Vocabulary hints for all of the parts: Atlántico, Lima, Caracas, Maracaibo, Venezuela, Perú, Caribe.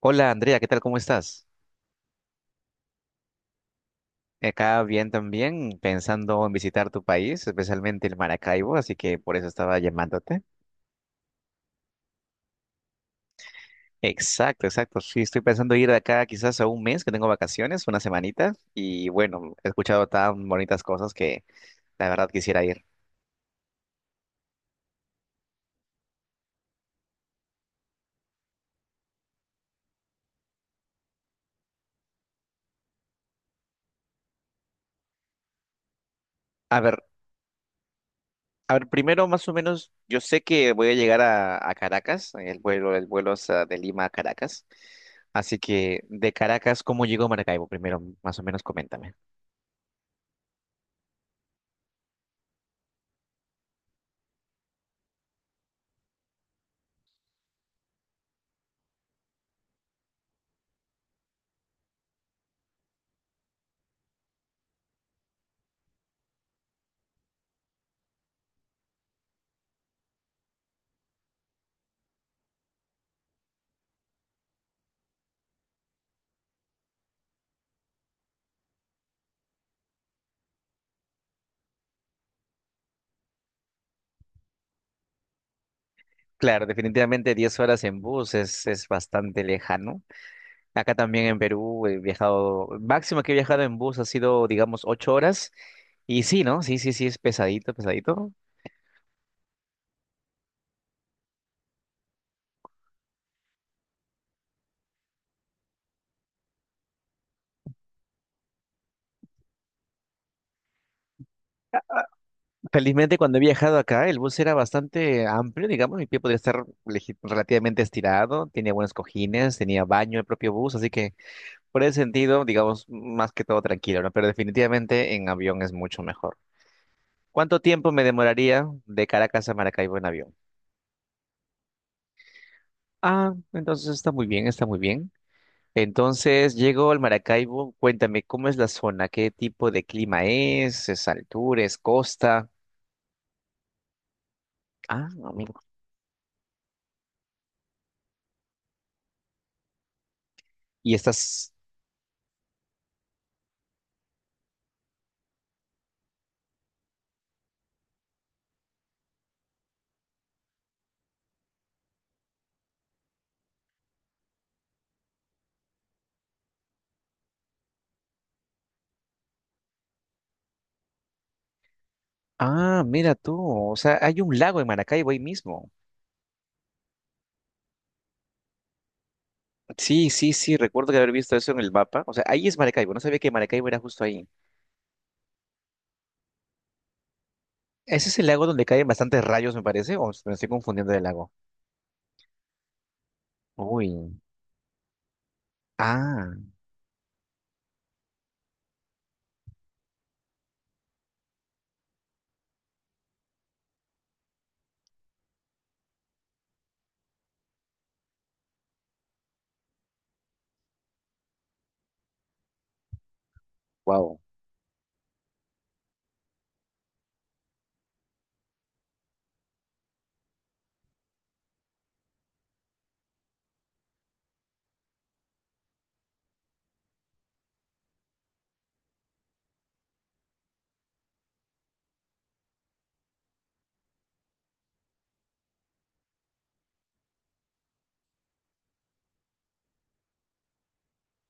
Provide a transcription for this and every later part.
Hola Andrea, ¿qué tal? ¿Cómo estás? Acá bien también, pensando en visitar tu país, especialmente el Maracaibo, así que por eso estaba llamándote. Exacto, exacto. Sí, estoy pensando ir de acá quizás a un mes que tengo vacaciones, una semanita, y bueno, he escuchado tan bonitas cosas que la verdad quisiera ir. A ver, a ver, primero más o menos, yo sé que voy a llegar a Caracas, el vuelo es de Lima a Caracas, así que de Caracas, ¿cómo llego a Maracaibo? Primero, más o menos, coméntame. Claro, definitivamente 10 horas en bus es bastante lejano. Acá también en Perú he viajado, máximo que he viajado en bus ha sido, digamos, 8 horas. Y sí, ¿no? Sí, sí, sí, es pesadito, pesadito. Felizmente cuando he viajado acá, el bus era bastante amplio, digamos, mi pie podía estar relativamente estirado, tenía buenos cojines, tenía baño el propio bus, así que por ese sentido, digamos, más que todo tranquilo, ¿no? Pero definitivamente en avión es mucho mejor. ¿Cuánto tiempo me demoraría de Caracas a Maracaibo en avión? Ah, entonces está muy bien, está muy bien. Entonces llego al Maracaibo, cuéntame cómo es la zona, qué tipo de clima es altura, es costa. Ah, amigo. Y estás... Ah, mira tú, o sea, hay un lago en Maracaibo ahí mismo. Sí, sí, sí, recuerdo que haber visto eso en el mapa. O sea, ahí es Maracaibo, no sabía que Maracaibo era justo ahí. ¿Ese es el lago donde caen bastantes rayos, me parece? ¿O me estoy confundiendo del lago? Uy. Ah, wow.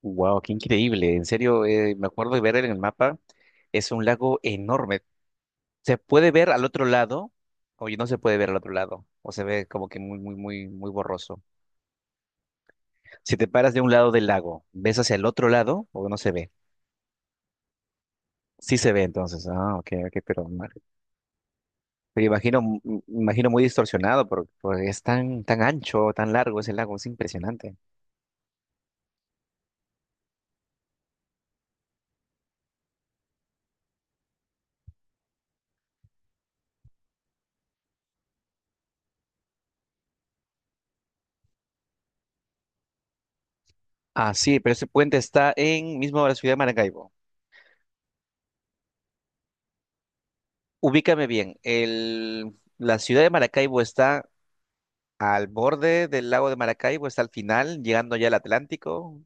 Wow, qué increíble. En serio, me acuerdo de ver en el mapa, es un lago enorme. Se puede ver al otro lado, o no se puede ver al otro lado, o se ve como que muy, muy, muy, muy borroso. Si te paras de un lado del lago, ¿ves hacia el otro lado o no se ve? Sí se ve entonces. Ah, ok, ok, me imagino muy distorsionado porque, porque es tan, tan ancho, tan largo ese lago, es impresionante. Ah, sí, pero ese puente está en mismo la ciudad de Maracaibo. Ubícame bien, el, la ciudad de Maracaibo está al borde del lago de Maracaibo está al final, llegando ya al Atlántico.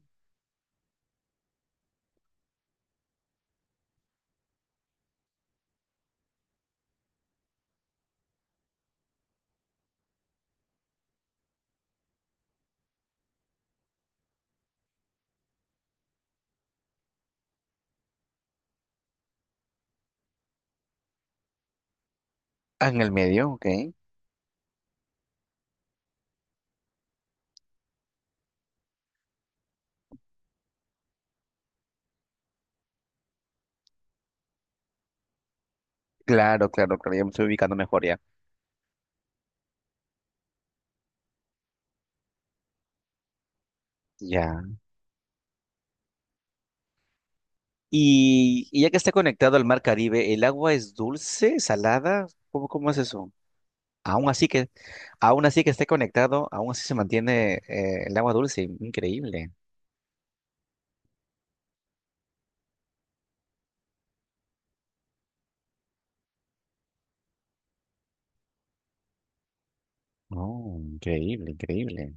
Ah, en el medio, ok. Claro, claro, claro, ya me estoy ubicando mejor ya. Ya. Y ya que está conectado al mar Caribe, ¿el agua es dulce, salada? ¿Cómo es eso? Aún así que, aún así que esté conectado, aún así se mantiene el agua dulce. Increíble. Oh, increíble, increíble.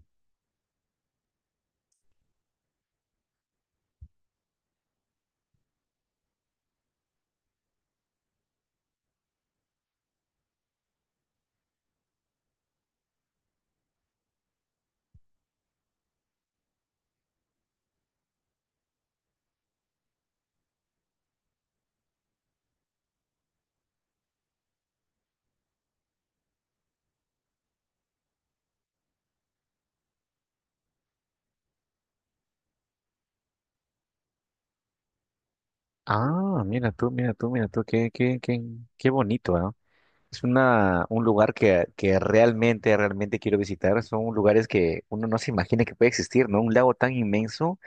Ah, mira tú, mira tú, mira tú, qué bonito, ¿ah? Es una, un lugar que realmente, realmente quiero visitar. Son lugares que uno no se imagina que puede existir, ¿no? Un lago tan inmenso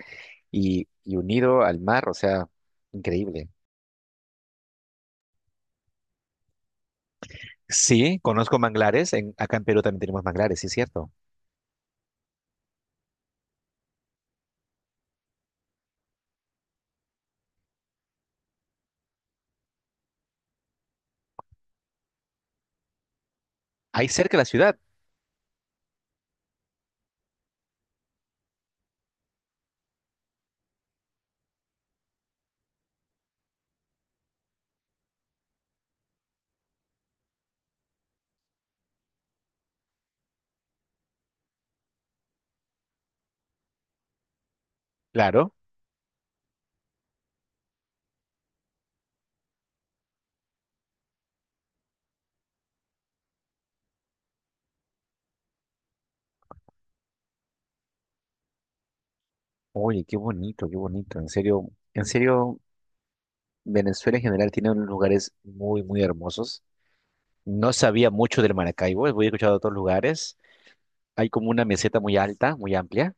y unido al mar, o sea, increíble. Sí, conozco manglares. Acá en Perú también tenemos manglares, sí es cierto. Ahí cerca de la ciudad, claro. Oye, qué bonito, qué bonito. En serio, Venezuela en general tiene unos lugares muy, muy hermosos. No sabía mucho del Maracaibo, he escuchado de otros lugares. Hay como una meseta muy alta, muy amplia.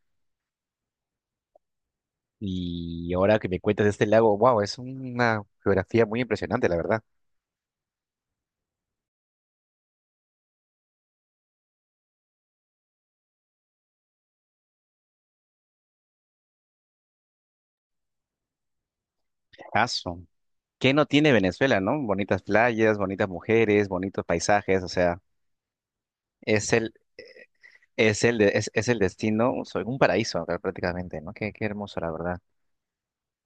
Y ahora que me cuentas de este lago, wow, es una geografía muy impresionante, la verdad. Caso. ¿Qué no tiene Venezuela, no? Bonitas playas, bonitas mujeres, bonitos paisajes, o sea, es el, es el destino, o sea, un paraíso acá prácticamente, ¿no? Qué hermoso, la verdad.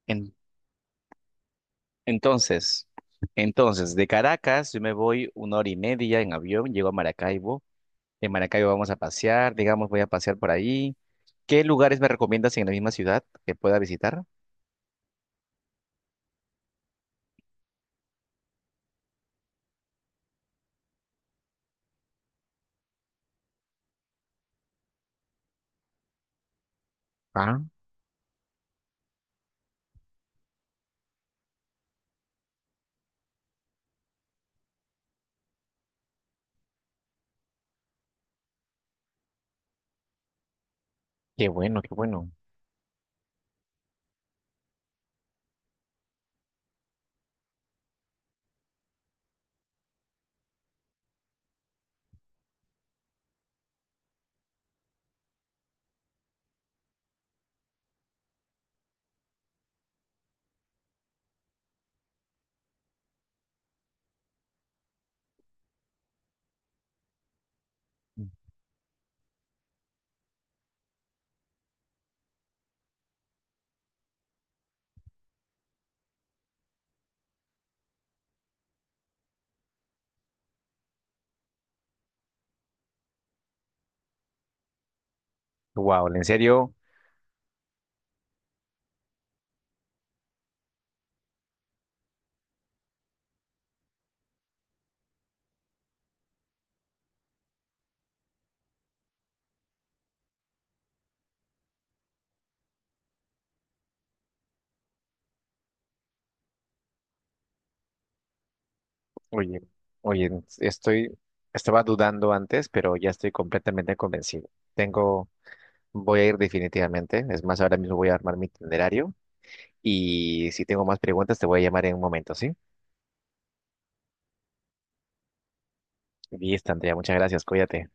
En- entonces, entonces, de Caracas yo me voy 1 hora y media en avión, llego a Maracaibo. En Maracaibo vamos a pasear, digamos, voy a pasear por ahí. ¿Qué lugares me recomiendas en la misma ciudad que pueda visitar? Qué bueno, qué bueno. Wow, en serio, oye, oye, estoy, estaba dudando antes, pero ya estoy completamente convencido. Tengo, voy a ir definitivamente. Es más, ahora mismo voy a armar mi itinerario y si tengo más preguntas te voy a llamar en un momento, ¿sí? Listo, Andrea, muchas gracias, cuídate.